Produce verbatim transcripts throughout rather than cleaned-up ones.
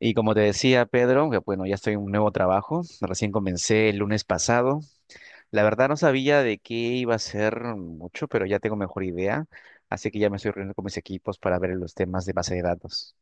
Y como te decía, Pedro, que bueno, ya estoy en un nuevo trabajo, recién comencé el lunes pasado. La verdad no sabía de qué iba a ser mucho, pero ya tengo mejor idea, así que ya me estoy reuniendo con mis equipos para ver los temas de base de datos.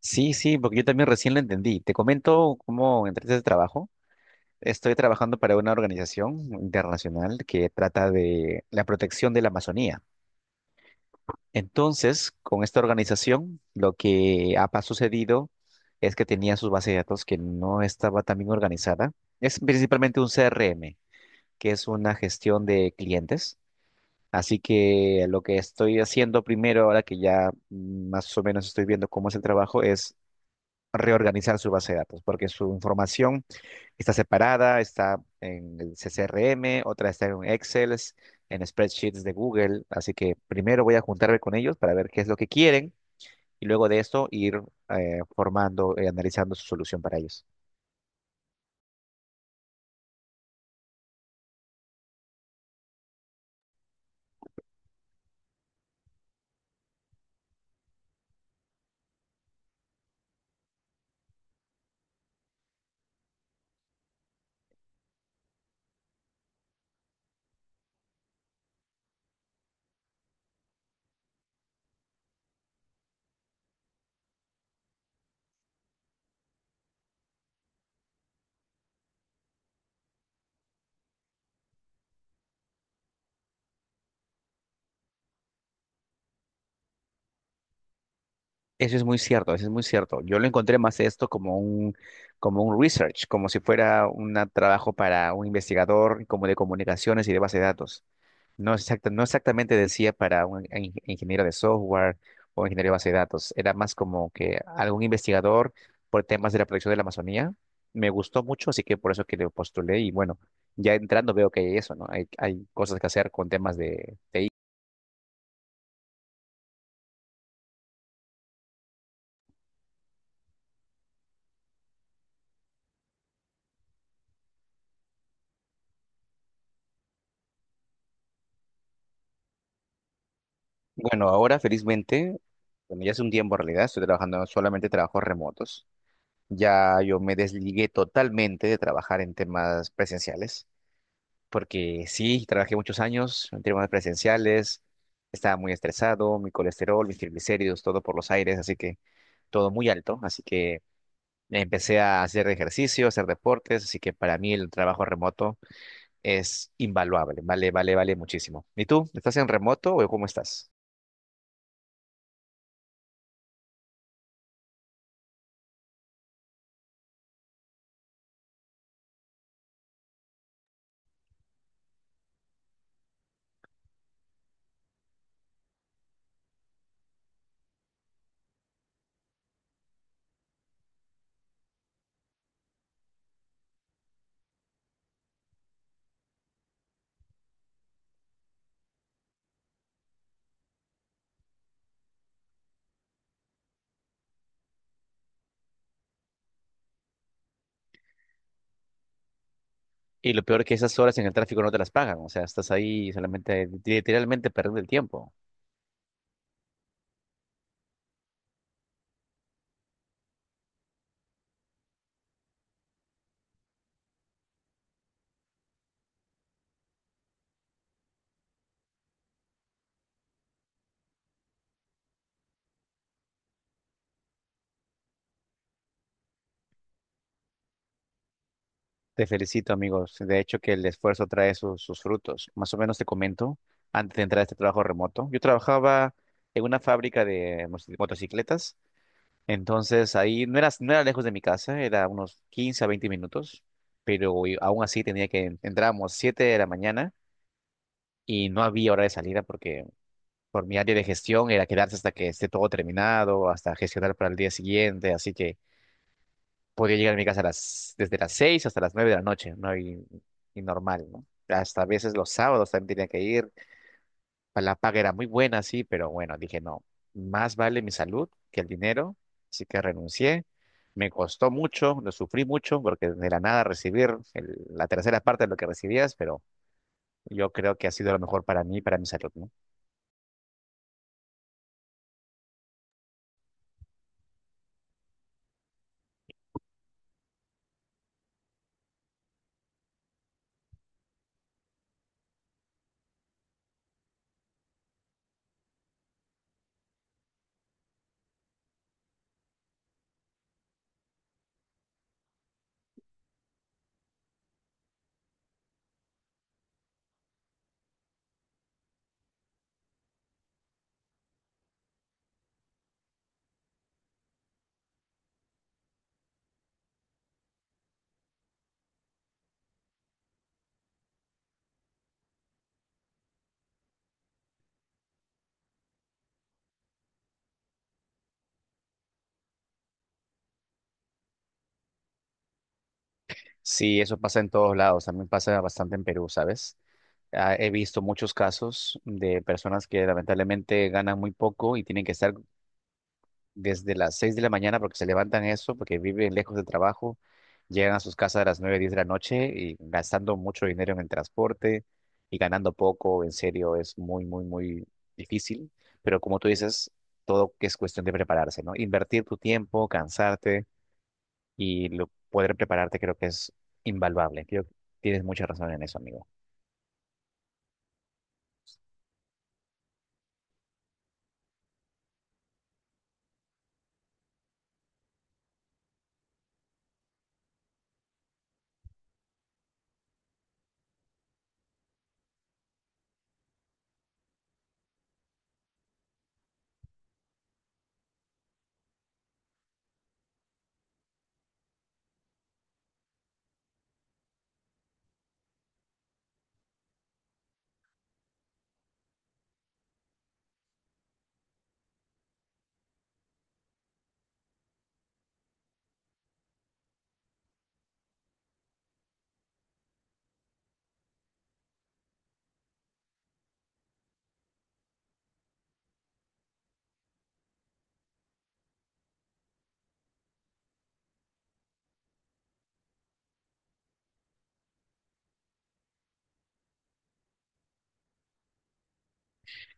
Sí, sí, porque yo también recién lo entendí. Te comento cómo entré a este trabajo. Estoy trabajando para una organización internacional que trata de la protección de la Amazonía. Entonces, con esta organización, lo que ha pa- sucedido es que tenía sus bases de datos que no estaba tan bien organizada. Es principalmente un C R M, que es una gestión de clientes. Así que lo que estoy haciendo primero, ahora que ya mm, más o menos estoy viendo cómo es el trabajo, es reorganizar su base de datos, porque su información está separada, está en el C R M, otra está en Excel, en spreadsheets de Google. Así que primero voy a juntarme con ellos para ver qué es lo que quieren y luego de esto ir eh, formando y analizando su solución para ellos. Eso es muy cierto, eso es muy cierto. Yo lo encontré más esto como un, como un research, como si fuera un trabajo para un investigador como de comunicaciones y de base de datos. No, exacta- no exactamente decía para un in- ingeniero de software o ingeniero de base de datos. Era más como que algún investigador por temas de la protección de la Amazonía. Me gustó mucho, así que por eso que lo postulé y bueno, ya entrando veo que hay eso, ¿no? Hay, hay cosas que hacer con temas de bueno, ahora felizmente, bueno, ya hace un tiempo en realidad, estoy trabajando solamente trabajos remotos. Ya yo me desligué totalmente de trabajar en temas presenciales, porque sí, trabajé muchos años en temas presenciales, estaba muy estresado, mi colesterol, mis triglicéridos, todo por los aires, así que todo muy alto, así que empecé a hacer ejercicio, a hacer deportes, así que para mí el trabajo remoto es invaluable, vale, vale, vale muchísimo. ¿Y tú? ¿Estás en remoto o cómo estás? Y lo peor que esas horas en el tráfico no te las pagan, o sea, estás ahí solamente, literalmente perdiendo el tiempo. Te felicito, amigos. De hecho, que el esfuerzo trae sus, sus frutos. Más o menos te comento, antes de entrar a este trabajo remoto, yo trabajaba en una fábrica de mos- motocicletas, entonces ahí no era, no era lejos de mi casa, era unos quince a veinte minutos, pero y- aún así tenía que, entrábamos siete de la mañana y no había hora de salida porque por mi área de gestión era quedarse hasta que esté todo terminado, hasta gestionar para el día siguiente, así que podía llegar a mi casa a las, desde las seis hasta las nueve de la noche, ¿no? Y, y normal, ¿no? Hasta a veces los sábados también tenía que ir, pa- la paga era muy buena, sí, pero bueno, dije, no, más vale mi salud que el dinero, así que renuncié. Me costó mucho, lo sufrí mucho, porque de la nada recibir el- la tercera parte de lo que recibías, pero yo creo que ha sido lo mejor para mí, y para mi salud, ¿no? Sí, eso pasa en todos lados, también pasa bastante en Perú, ¿sabes? Ah, he visto muchos casos de personas que lamentablemente ganan muy poco y tienen que estar desde las seis de la mañana porque se levantan eso, porque viven lejos del trabajo, llegan a sus casas a las nueve, diez de la noche y gastando mucho dinero en el transporte y ganando poco, en serio, es muy, muy, muy difícil, pero como tú dices, todo es cuestión de prepararse, ¿no? Invertir tu tiempo, cansarte y lo, poder prepararte creo que es invaluable. Creo que tienes mucha razón en eso, amigo.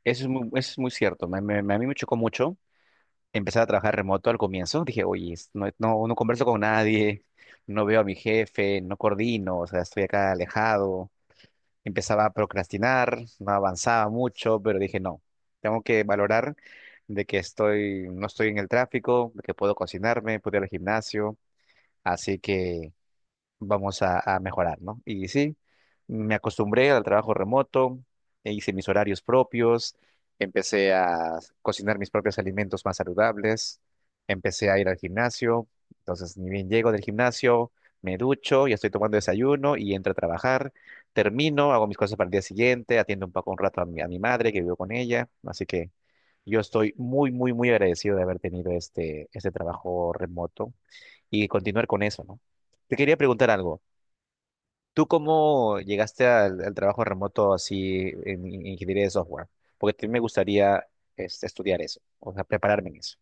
Eso es muy, eso es muy cierto. Me- me- a mí me chocó mucho empezar a trabajar remoto al comienzo. Dije, oye, es- no, no, no converso con nadie, no veo a mi jefe, no coordino, o sea, estoy acá alejado. Empezaba a procrastinar, no avanzaba mucho, pero dije, no, tengo que valorar de que estoy, no estoy en el tráfico, de que puedo cocinarme, puedo ir al gimnasio. Así que vamos a, a mejorar, ¿no? Y sí, me acostumbré al trabajo remoto, e hice mis horarios propios, empecé a cocinar mis propios alimentos más saludables, empecé a ir al gimnasio, entonces ni bien llego del gimnasio, me ducho, ya estoy tomando desayuno y entro a trabajar, termino, hago mis cosas para el día siguiente, atiendo un poco un rato a mi, a mi madre que vivo con ella, así que yo estoy muy, muy, muy agradecido de haber tenido este, este trabajo remoto y continuar con eso, ¿no? Te quería preguntar algo. ¿Tú cómo llegaste al, al trabajo remoto así en, en ingeniería de software? Porque también me gustaría este, estudiar eso, o sea, prepararme en eso.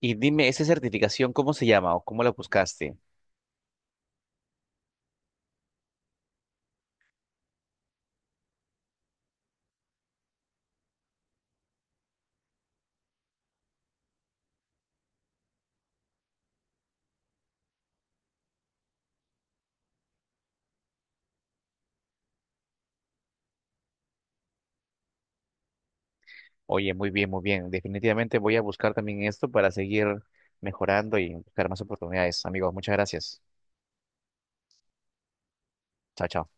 Y dime, ¿esa certificación cómo se llama o cómo la buscaste? Oye, muy bien, muy bien. Definitivamente voy a buscar también esto para seguir mejorando y buscar más oportunidades. Amigos, muchas gracias. Chao, chao.